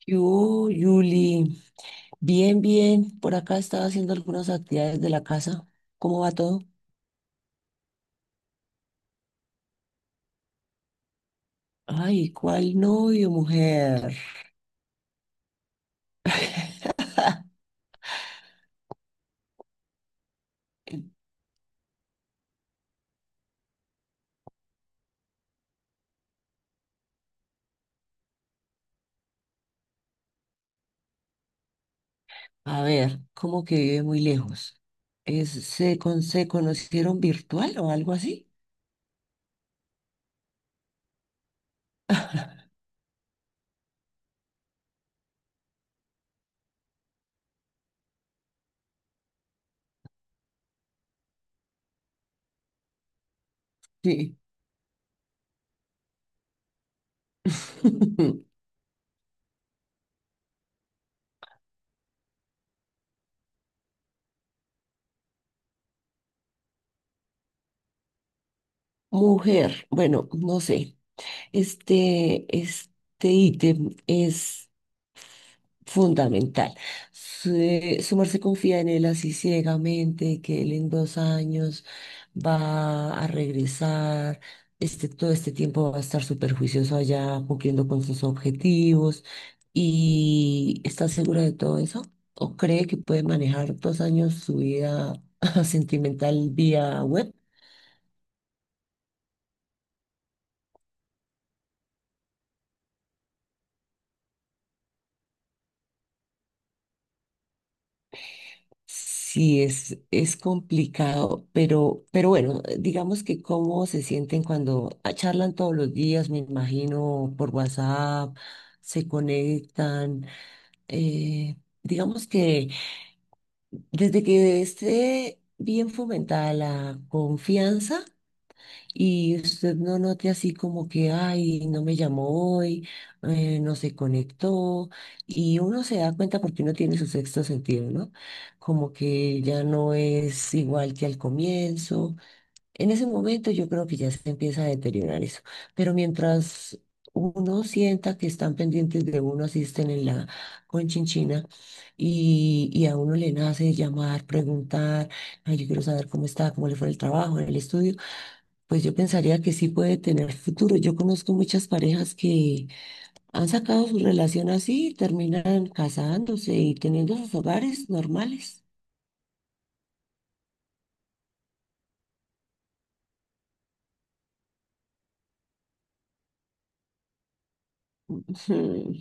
¿Qué hubo, Yuli? Bien, bien. Por acá estaba haciendo algunas actividades de la casa. ¿Cómo va todo? Ay, ¿cuál novio, mujer? A ver, ¿cómo que vive muy lejos? ¿Se conocieron virtual o algo así? Sí. Mujer, bueno, no sé. Este ítem es fundamental. Su, su merced confía en él así ciegamente, que él en 2 años va a regresar. Todo este tiempo va a estar súper juicioso allá, cumpliendo con sus objetivos. ¿Y está segura de todo eso? ¿O cree que puede manejar 2 años su vida sentimental vía web? Sí, es complicado, pero bueno, digamos que cómo se sienten cuando charlan todos los días, me imagino, por WhatsApp, se conectan. eh, digamos que desde que esté bien fomentada la confianza, y usted no note así como que, ay, no me llamó hoy, no se conectó. Y uno se da cuenta porque uno tiene su sexto sentido, ¿no? Como que ya no es igual que al comienzo. En ese momento yo creo que ya se empieza a deteriorar eso. Pero mientras uno sienta que están pendientes de uno, asisten en la conchinchina y a uno le nace llamar, preguntar, ay, yo quiero saber cómo está, cómo le fue el trabajo en el estudio. Pues yo pensaría que sí puede tener futuro. Yo conozco muchas parejas que han sacado su relación así y terminan casándose y teniendo sus hogares normales. Ujú.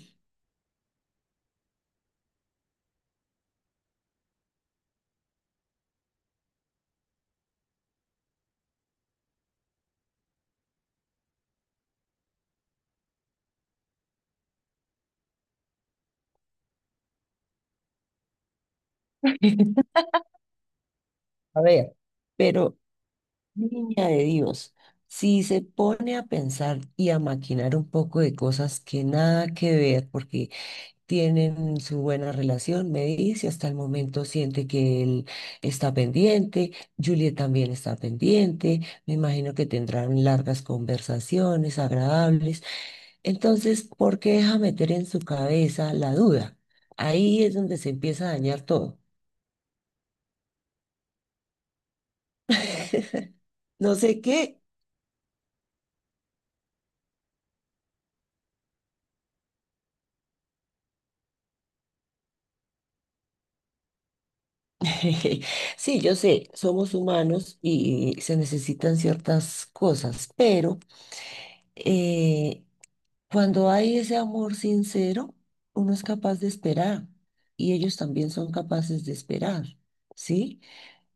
A ver, pero, niña de Dios, si se pone a pensar y a maquinar un poco de cosas que nada que ver, porque tienen su buena relación, me dice, hasta el momento siente que él está pendiente, Juliet también está pendiente, me imagino que tendrán largas conversaciones agradables. Entonces, ¿por qué deja meter en su cabeza la duda? Ahí es donde se empieza a dañar todo. No sé qué. Sí, yo sé, somos humanos y se necesitan ciertas cosas, pero eh, Cuando hay ese amor sincero, uno es capaz de esperar y ellos también son capaces de esperar, ¿sí?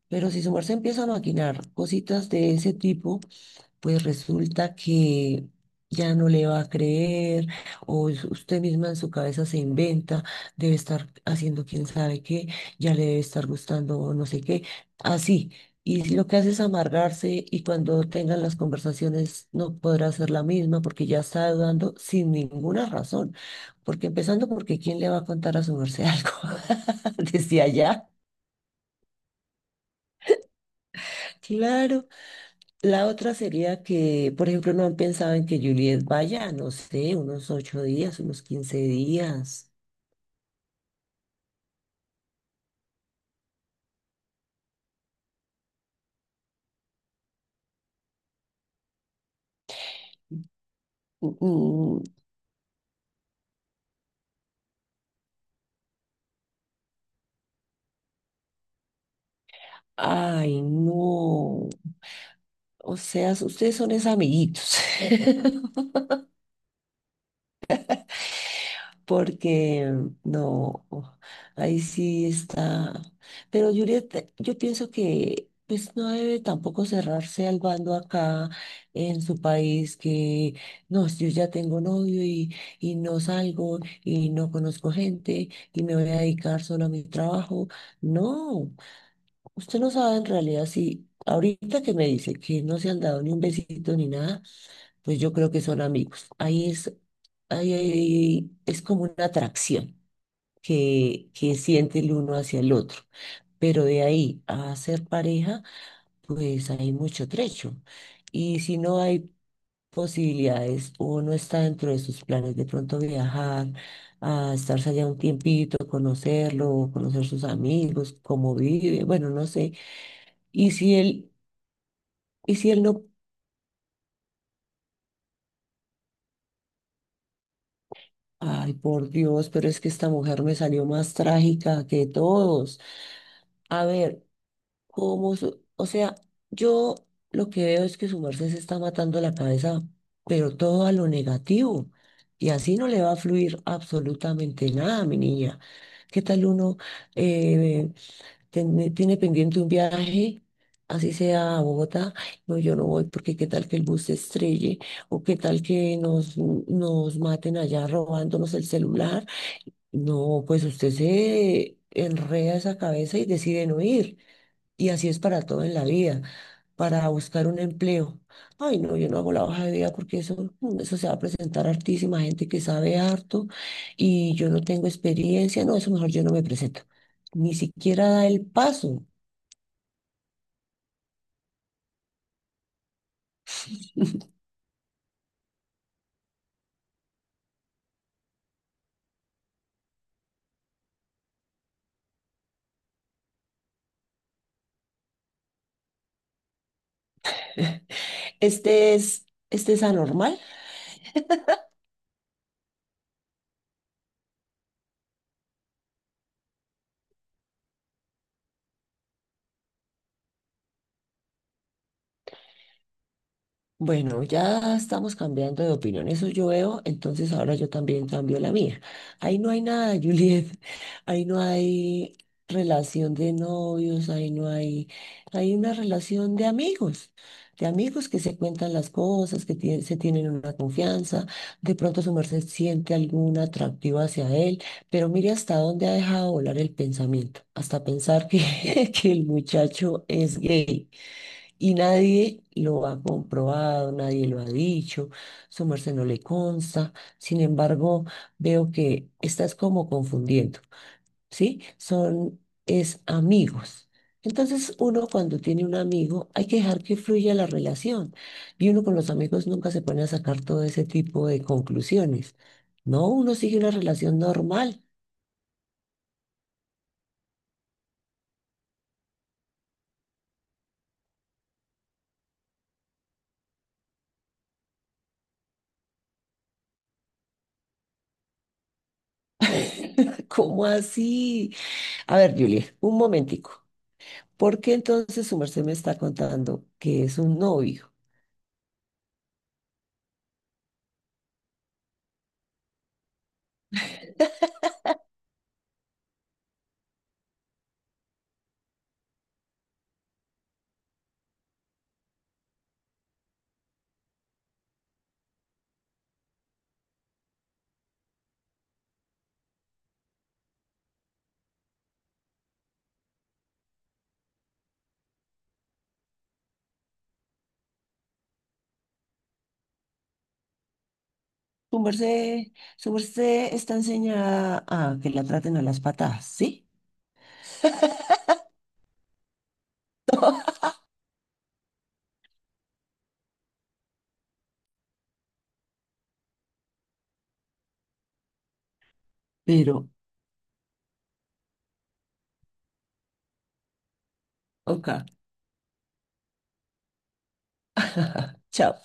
Pero si su merced empieza a maquinar cositas de ese tipo, pues resulta que ya no le va a creer o es usted misma en su cabeza se inventa, debe estar haciendo quién sabe qué, ya le debe estar gustando no sé qué, así. Y lo que hace es amargarse y cuando tengan las conversaciones no podrá ser la misma porque ya está dudando sin ninguna razón. Porque empezando porque ¿quién le va a contar a su merced algo desde allá? Claro. La otra sería que, por ejemplo, no han pensado en que Juliet vaya, no sé, unos 8 días, unos 15 días. Mm, ay, no. O sea, ustedes son esos amiguitos. Porque no, oh, ahí sí está. Pero Juliet, yo pienso que pues no debe tampoco cerrarse al bando acá en su país, que no, yo ya tengo novio y no salgo y no conozco gente y me voy a dedicar solo a mi trabajo. No, usted no sabe en realidad si ahorita que me dice que no se han dado ni un besito ni nada pues yo creo que son amigos. Ahí es como una atracción que siente el uno hacia el otro. Pero de ahí a ser pareja, pues hay mucho trecho. Y si no hay posibilidades o no está dentro de sus planes de pronto viajar, a estarse allá un tiempito, conocerlo, conocer sus amigos, cómo vive, bueno, no sé. Y si él, y si él no Ay, por Dios, pero es que esta mujer me salió más trágica que todos. A ver, ¿cómo? O sea, yo lo que veo es que su merced se está matando la cabeza, pero todo a lo negativo. Y así no le va a fluir absolutamente nada, mi niña. ¿Qué tal uno eh, tiene pendiente un viaje? Así sea a Bogotá, "Ay, no, yo no voy porque qué tal que el bus se estrelle o qué tal que nos maten allá robándonos el celular, no, pues usted se enreda esa cabeza y decide no ir. Y así es para todo en la vida, para buscar un empleo. Ay, no, yo no hago la hoja de vida porque eso, eso se va a presentar hartísima gente que sabe harto y yo no tengo experiencia. No, eso mejor yo no me presento. Ni siquiera da el paso. Este es, este es anormal. Bueno, ya estamos cambiando de opinión, eso yo veo, entonces ahora yo también cambio la mía. Ahí no hay nada, Juliet, ahí no hay relación de novios, ahí no hay, hay una relación de amigos que se cuentan las cosas, que se tienen una confianza, de pronto su merced siente algún atractivo hacia él, pero mire hasta dónde ha dejado volar el pensamiento, hasta pensar que, que el muchacho es gay. Y nadie lo ha comprobado, nadie lo ha dicho, su merced no le consta. Sin embargo, veo que estás como confundiendo, ¿sí? Es amigos. Entonces, uno cuando tiene un amigo, hay que dejar que fluya la relación. Y uno con los amigos nunca se pone a sacar todo ese tipo de conclusiones. No, uno sigue una relación normal. ¿Cómo así? A ver, Juliet, un momentico. ¿Por qué entonces su merced me está contando que es un novio? Su merced, su merced está enseñada a que la traten a las patadas, ¿sí? Pero, ok, chao.